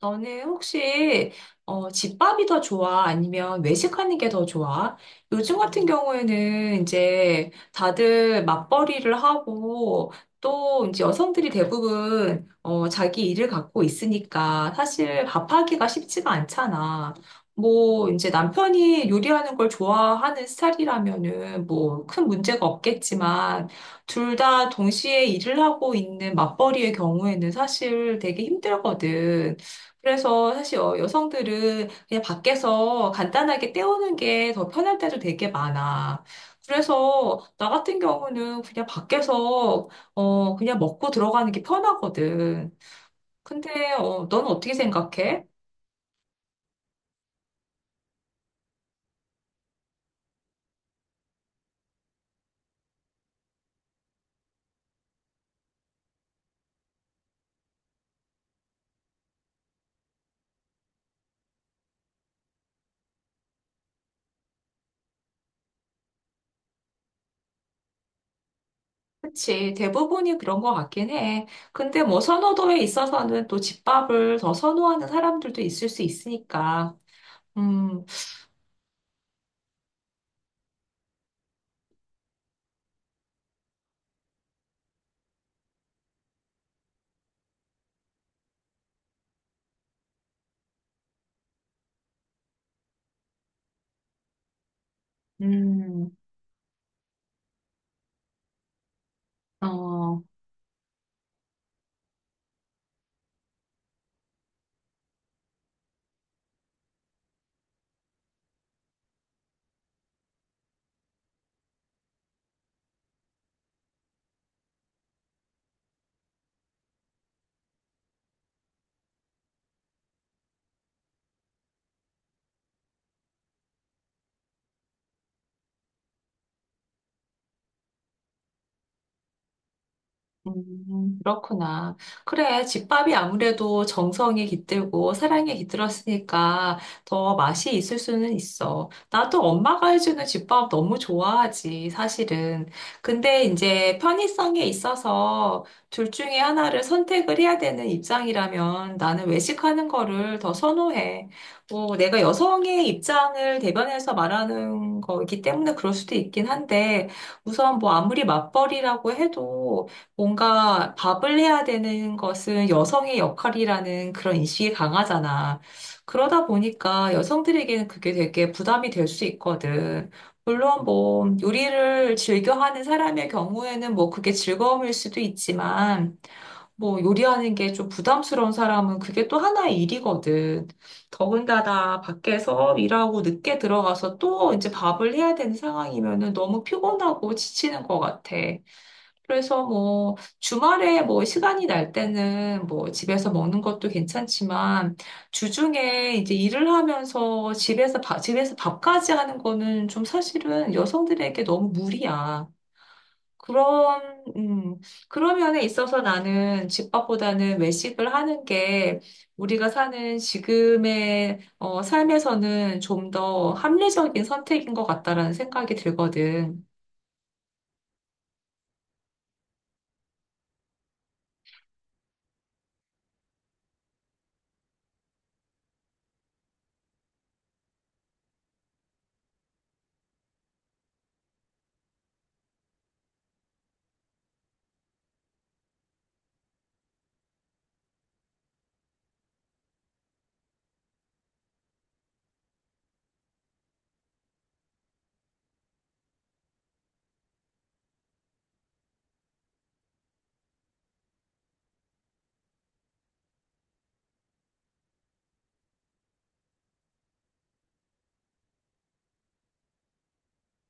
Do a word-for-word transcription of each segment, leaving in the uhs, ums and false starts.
너는 혹시 어, 집밥이 더 좋아? 아니면 외식하는 게 더 좋아? 요즘 같은 경우에는 이제 다들 맞벌이를 하고 또 이제 여성들이 대부분 어, 자기 일을 갖고 있으니까 사실 밥하기가 쉽지가 않잖아. 뭐 이제 남편이 요리하는 걸 좋아하는 스타일이라면은 뭐 큰 문제가 없겠지만 둘 다 동시에 일을 하고 있는 맞벌이의 경우에는 사실 되게 힘들거든. 그래서 사실 여- 여성들은 그냥 밖에서 간단하게 때우는 게 더 편할 때도 되게 많아. 그래서 나 같은 경우는 그냥 밖에서 어, 그냥 먹고 들어가는 게 편하거든. 근데 어, 는 어떻게 생각해? 그치. 대부분이 그런 것 같긴 해. 근데 뭐 선호도에 있어서는 또 집밥을 더 선호하는 사람들도 있을 수 있으니까. 음, 음, 어. 음, 그렇구나. 그래, 집밥이 아무래도 정성이 깃들고 사랑이 깃들었으니까 더 맛이 있을 수는 있어. 나도 엄마가 해주는 집밥 너무 좋아하지, 사실은. 근데 이제 편의성에 있어서 둘 중에 하나를 선택을 해야 되는 입장이라면 나는 외식하는 거를 더 선호해. 뭐, 내가 여성의 입장을 대변해서 말하는 거기 때문에 그럴 수도 있긴 한데 우선 뭐 아무리 맞벌이라고 해도 뭔가 밥을 해야 되는 것은 여성의 역할이라는 그런 인식이 강하잖아. 그러다 보니까 여성들에게는 그게 되게 부담이 될 수 있거든. 물론 뭐 요리를 즐겨하는 사람의 경우에는 뭐 그게 즐거움일 수도 있지만 뭐 요리하는 게 좀 부담스러운 사람은 그게 또 하나의 일이거든. 더군다나 밖에서 일하고 늦게 들어가서 또 이제 밥을 해야 되는 상황이면은 너무 피곤하고 지치는 것 같아. 그래서 뭐 주말에 뭐 시간이 날 때는 뭐 집에서 먹는 것도 괜찮지만 주중에 이제 일을 하면서 집에서 밥, 집에서 밥까지 하는 거는 좀 사실은 여성들에게 너무 무리야. 그런, 음, 그런 면에 있어서 나는 집밥보다는 외식을 하는 게 우리가 사는 지금의 어, 삶에서는 좀 더 합리적인 선택인 것 같다라는 생각이 들거든.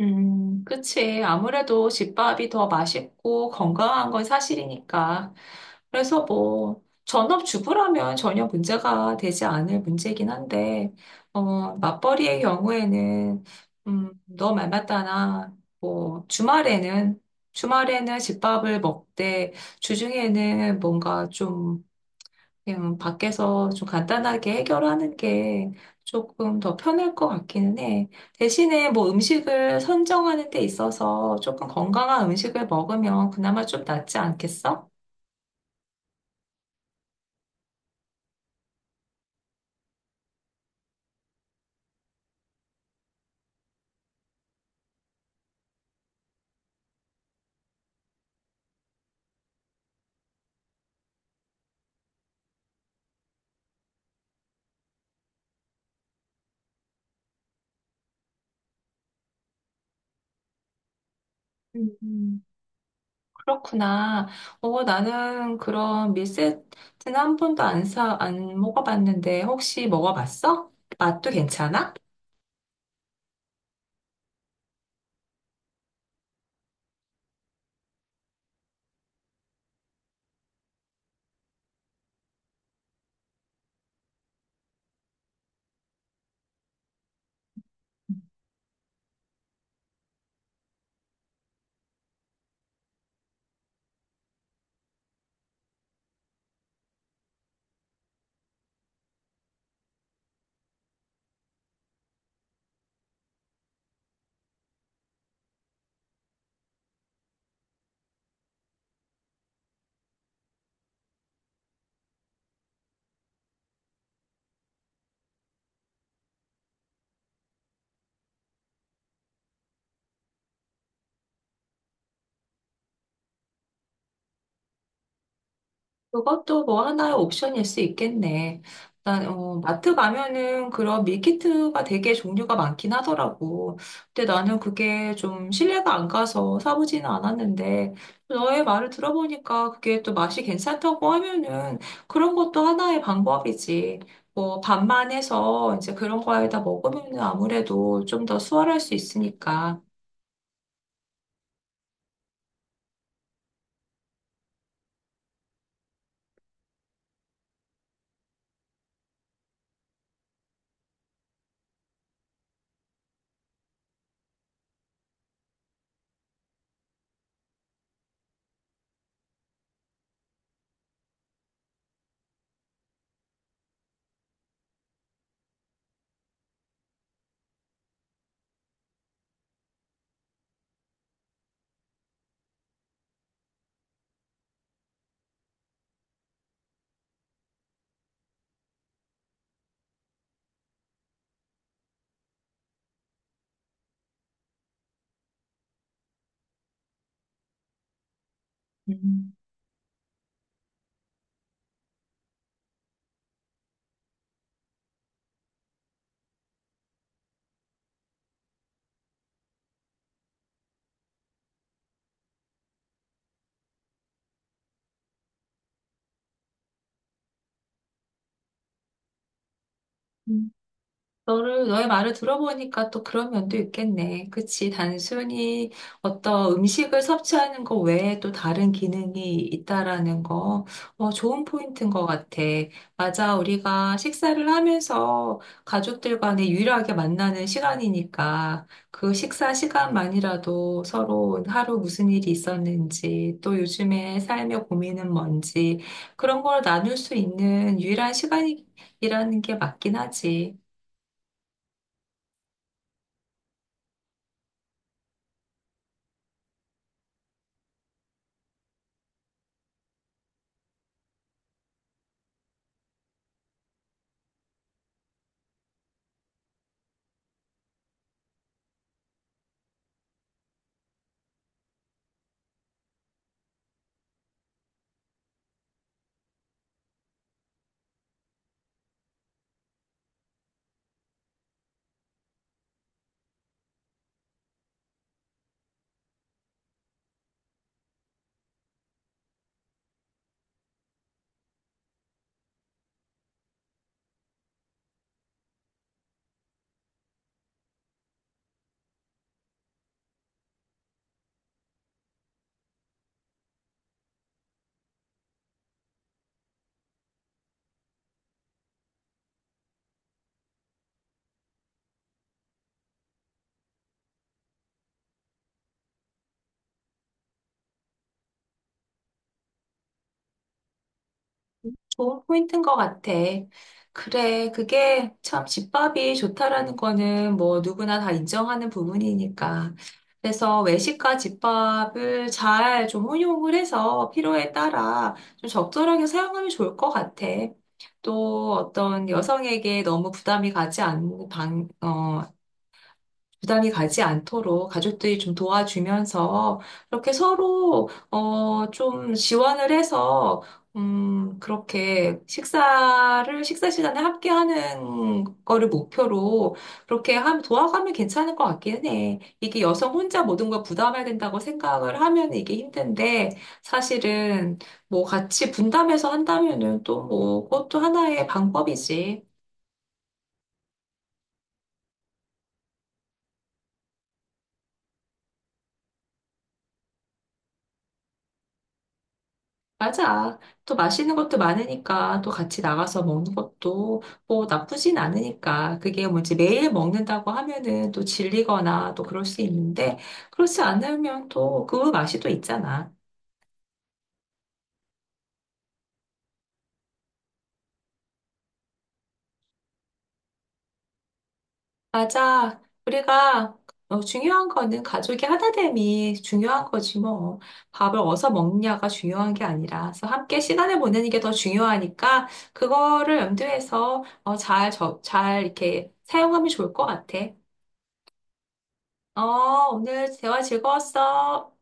음, 그치. 아무래도 집밥이 더 맛있고 건강한 건 사실이니까. 그래서 뭐, 전업주부라면 전혀 문제가 되지 않을 문제긴 한데, 어, 맞벌이의 경우에는, 음, 너 말 맞다나, 뭐, 주말에는, 주말에는 집밥을 먹되, 주중에는 뭔가 좀 그냥 밖에서 좀 간단하게 해결하는 게 조금 더 편할 것 같기는 해. 대신에 뭐 음식을 선정하는 데 있어서 조금 건강한 음식을 먹으면 그나마 좀 낫지 않겠어? 음. 그렇구나. 어, 나는 그런 밀세트는 한 번도 안 사, 안 먹어봤는데 혹시 먹어봤어? 맛도 괜찮아? 그것도 뭐 하나의 옵션일 수 있겠네. 일단, 어, 마트 가면은 그런 밀키트가 되게 종류가 많긴 하더라고. 근데 나는 그게 좀 신뢰가 안 가서 사보지는 않았는데, 너의 말을 들어보니까 그게 또 맛이 괜찮다고 하면은 그런 것도 하나의 방법이지. 뭐, 반만 해서 이제 그런 거에다 먹으면은 아무래도 좀 더 수월할 수 있으니까. 음. 너를, 너의 말을 들어보니까 또 그런 면도 있겠네. 그치. 단순히 어떤 음식을 섭취하는 거 외에 또 다른 기능이 있다라는 거, 어, 좋은 포인트인 것 같아. 맞아. 우리가 식사를 하면서 가족들 간에 유일하게 만나는 시간이니까 그 식사 시간만이라도 서로 하루 무슨 일이 있었는지, 또 요즘에 삶의 고민은 뭔지, 그런 걸 나눌 수 있는 유일한 시간이라는 게 맞긴 하지. 좋은 포인트인 것 같아. 그래, 그게 참 집밥이 좋다라는 거는 뭐 누구나 다 인정하는 부분이니까. 그래서 외식과 집밥을 잘 좀 혼용을 해서 필요에 따라 좀 적절하게 사용하면 좋을 것 같아. 또 어떤 여성에게 너무 부담이 가지 않는 방, 어, 부담이 가지 않도록 가족들이 좀 도와주면서 이렇게 서로 어, 좀 지원을 해서 음, 그렇게 식사를 식사 시간에 함께 하는 거를 목표로 그렇게 함 도와가면 괜찮을 것 같긴 해. 이게 여성 혼자 모든 걸 부담해야 된다고 생각을 하면 이게 힘든데 사실은 뭐 같이 분담해서 한다면은 또 뭐 그것도 하나의 방법이지. 맞아. 또 맛있는 것도 많으니까 또 같이 나가서 먹는 것도 뭐 나쁘진 않으니까 그게 뭐지 매일 먹는다고 하면은 또 질리거나 또 그럴 수 있는데 그렇지 않으면 또 그 맛이 또 있잖아. 맞아. 우리가 어, 중요한 거는 가족이 하나됨이 중요한 거지 뭐. 밥을 어디서 먹느냐가 중요한 게 아니라 그래서 함께 시간을 보내는 게 더 중요하니까 그거를 염두해서 어, 잘, 저, 잘 이렇게 사용하면 좋을 것 같아. 어, 오늘 대화 즐거웠어.